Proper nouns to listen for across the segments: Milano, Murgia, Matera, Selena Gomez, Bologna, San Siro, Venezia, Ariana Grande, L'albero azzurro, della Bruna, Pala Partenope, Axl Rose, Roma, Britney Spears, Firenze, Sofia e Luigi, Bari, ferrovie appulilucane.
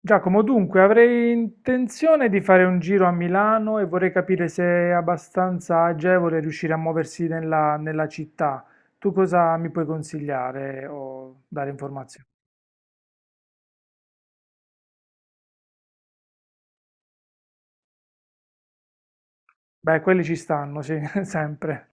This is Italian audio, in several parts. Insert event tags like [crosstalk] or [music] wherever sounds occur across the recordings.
Giacomo, dunque avrei intenzione di fare un giro a Milano e vorrei capire se è abbastanza agevole riuscire a muoversi nella città. Tu cosa mi puoi consigliare o dare informazioni? Beh, quelli ci stanno, sì, [laughs] sempre.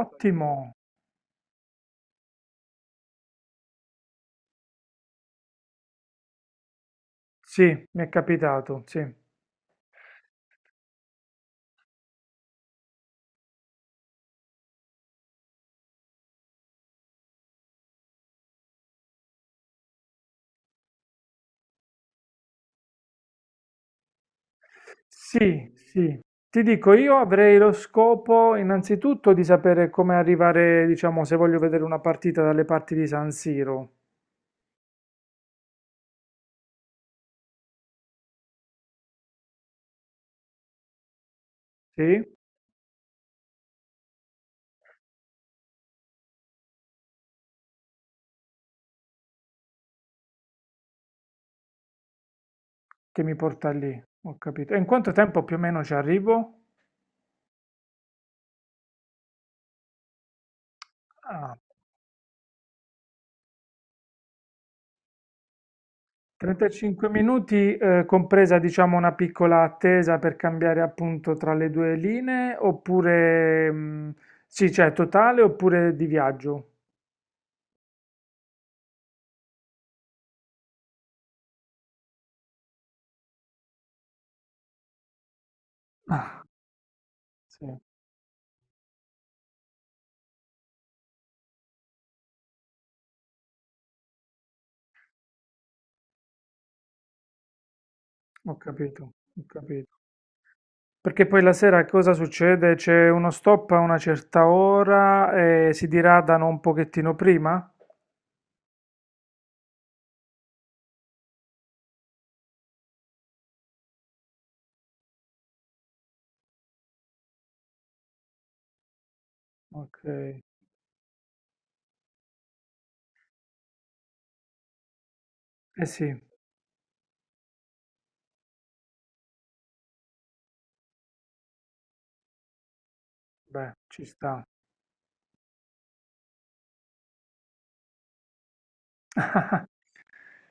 Ottimo, sì, mi è capitato, sì. Sì, sì. Ti dico, io avrei lo scopo innanzitutto di sapere come arrivare, diciamo, se voglio vedere una partita dalle parti di San Siro. Sì? Che mi porta lì, ho capito. E in quanto tempo più o meno ci arrivo? Ah, 35 minuti, compresa diciamo una piccola attesa per cambiare appunto tra le due linee, oppure sì, cioè totale oppure di viaggio. Ah, sì, ho capito, ho capito. Perché poi la sera cosa succede? C'è uno stop a una certa ora e si diradano un pochettino prima? Ok, eh sì, beh, ci sta.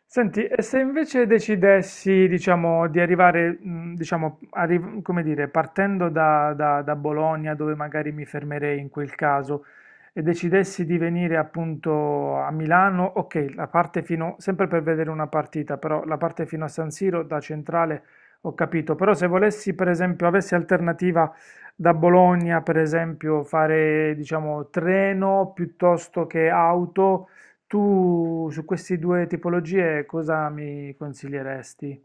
Senti, e se invece decidessi, diciamo, di arrivare, diciamo, come dire, partendo da Bologna, dove magari mi fermerei in quel caso, e decidessi di venire appunto a Milano, ok, la parte fino, sempre per vedere una partita, però la parte fino a San Siro da centrale ho capito, però se volessi, per esempio, avessi alternativa da Bologna, per esempio, fare, diciamo, treno piuttosto che auto, tu su queste due tipologie cosa mi consiglieresti?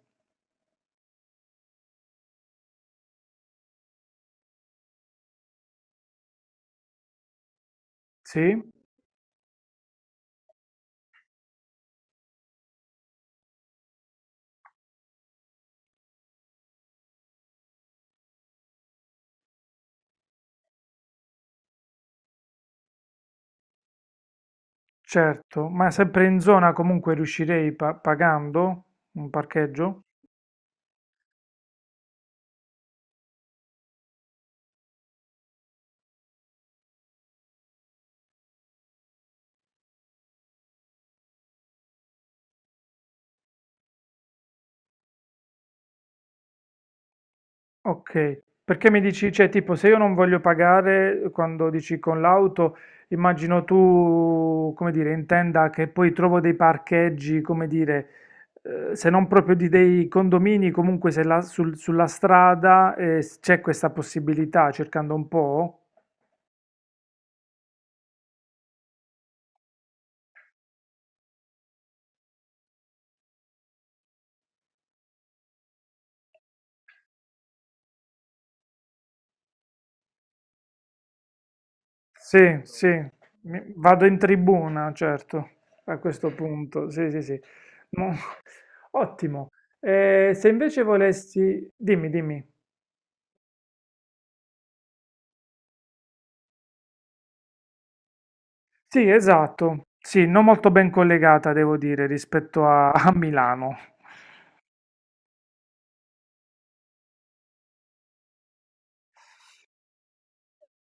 Sì, certo, ma sempre in zona comunque riuscirei pagando un parcheggio? Ok, perché mi dici, cioè tipo se io non voglio pagare quando dici con l'auto, immagino tu, come dire, intenda che poi trovo dei parcheggi, come dire, se non proprio di dei condomini, comunque se sulla strada c'è questa possibilità cercando un po'? Sì, sì, vado in tribuna, certo, a questo punto, sì, sì, sì. Mo- [laughs] Ottimo. Se invece volessi, dimmi, dimmi. Sì, esatto, sì, non molto ben collegata, devo dire, rispetto a, a Milano.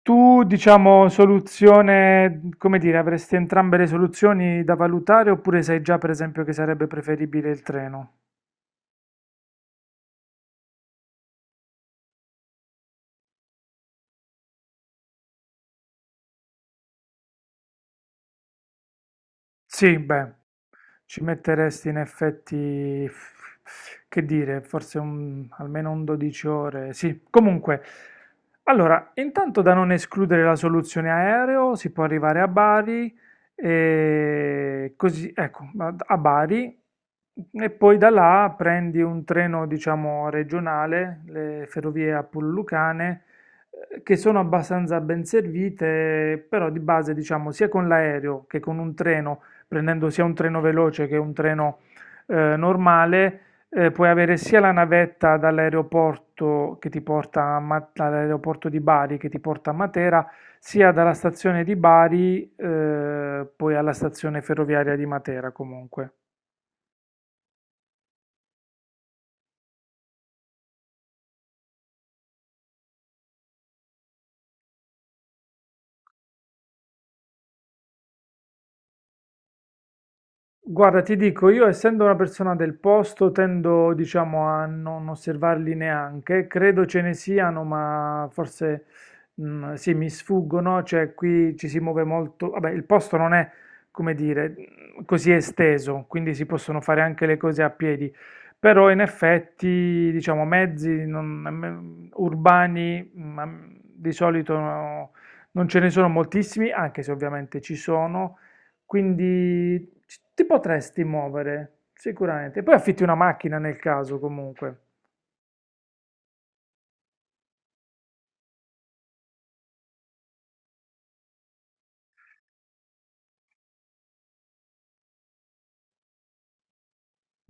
Tu, diciamo, soluzione, come dire, avresti entrambe le soluzioni da valutare oppure sai già, per esempio, che sarebbe preferibile il treno? Sì, beh, ci metteresti in effetti, che dire, forse almeno un 12 ore. Sì, comunque, allora, intanto da non escludere la soluzione aereo, si può arrivare a Bari, e così, ecco, a a Bari, e poi da là prendi un treno, diciamo, regionale, le ferrovie appulilucane, che sono abbastanza ben servite, però di base, diciamo, sia con l'aereo che con un treno prendendo sia un treno veloce che un treno normale, puoi avere sia la navetta dall'aeroporto che ti porta a dall'aeroporto di Bari che ti porta a Matera, sia dalla stazione di Bari, poi alla stazione ferroviaria di Matera comunque. Guarda, ti dico, io essendo una persona del posto tendo, diciamo, a non osservarli neanche, credo ce ne siano, ma forse sì, mi sfuggono, cioè qui ci si muove molto, vabbè, il posto non è, come dire, mm, così esteso, quindi si possono fare anche le cose a piedi, però in effetti, diciamo, mezzi non- mm, urbani ma, mm, di solito no, non ce ne sono moltissimi, anche se ovviamente ci sono. Quindi ti potresti muovere, sicuramente. Poi affitti una macchina nel caso, comunque.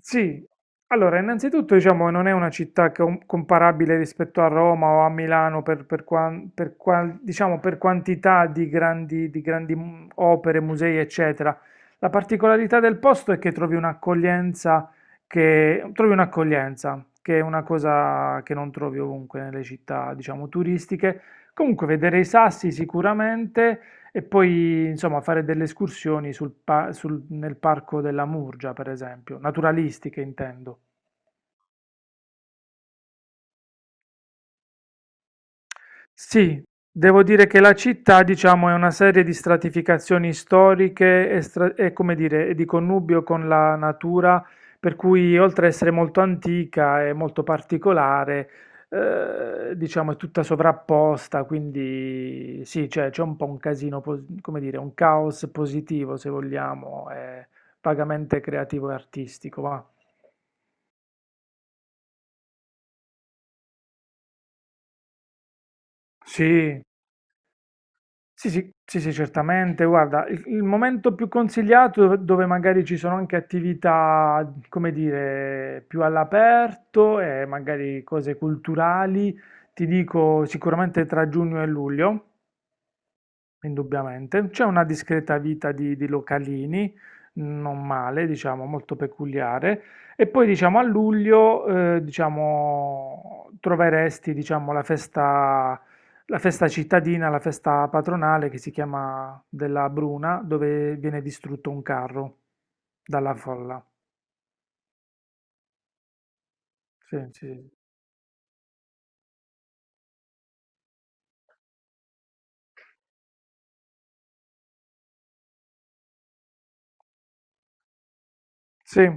Sì, allora, innanzitutto diciamo che non è una città comparabile rispetto a Roma o a Milano per, diciamo, per quantità di opere, musei, eccetera. La particolarità del posto è che trovi un'accoglienza che è una cosa che non trovi ovunque nelle città, diciamo, turistiche. Comunque, vedere i sassi sicuramente. E poi, insomma, fare delle escursioni nel parco della Murgia, per esempio, naturalistiche intendo. Sì, devo dire che la città, diciamo, è una serie di stratificazioni storiche come dire, e di connubio con la natura, per cui oltre ad essere molto antica e molto particolare, diciamo, è tutta sovrapposta, quindi sì, cioè, c'è un po' un casino, come dire, un caos positivo, se vogliamo, vagamente creativo e artistico, va. Sì, sì, sì, sì, sì, certamente. Guarda, il momento più consigliato dove dove magari ci sono anche attività, come dire, più all'aperto e magari cose culturali, ti dico sicuramente tra giugno e luglio. Indubbiamente. C'è una discreta vita di localini, non male, diciamo, molto peculiare. E poi, diciamo, a luglio, diciamo, troveresti, diciamo, la festa cittadina, la festa patronale che si chiama della Bruna, dove viene distrutto un carro dalla folla. Sì, sì. Sì.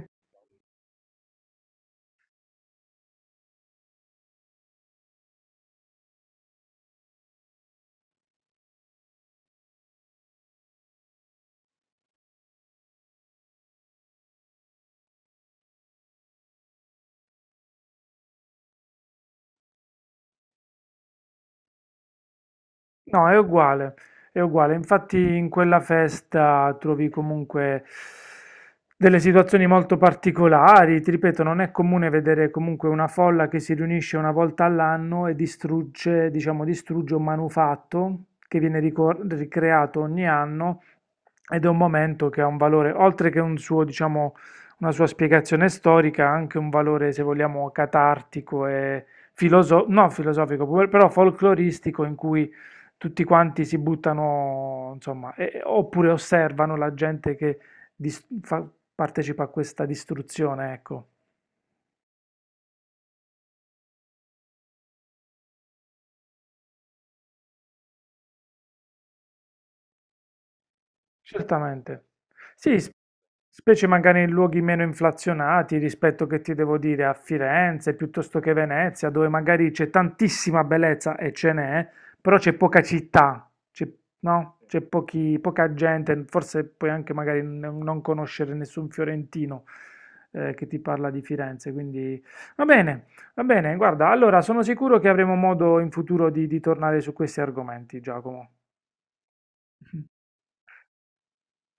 No, è uguale, è uguale. Infatti in quella festa trovi comunque delle situazioni molto particolari. Ti ripeto, non è comune vedere comunque una folla che si riunisce una volta all'anno e distrugge, diciamo, distrugge un manufatto che viene ricreato ogni anno ed è un momento che ha un valore, oltre che un suo, diciamo, una sua spiegazione storica, ha anche un valore, se vogliamo, catartico e filoso- no, filosofico, però folcloristico in cui tutti quanti si buttano, insomma, oppure osservano la gente che dis- fa- partecipa a questa distruzione, ecco. Certamente. Sì, specie magari in luoghi meno inflazionati rispetto che ti devo dire a Firenze piuttosto che Venezia, dove magari c'è tantissima bellezza e ce n'è, però c'è poca città, c'è no? Poca gente, forse puoi anche magari non conoscere nessun fiorentino che ti parla di Firenze, quindi va bene, va bene, guarda, allora sono sicuro che avremo modo in futuro di tornare su questi argomenti, Giacomo.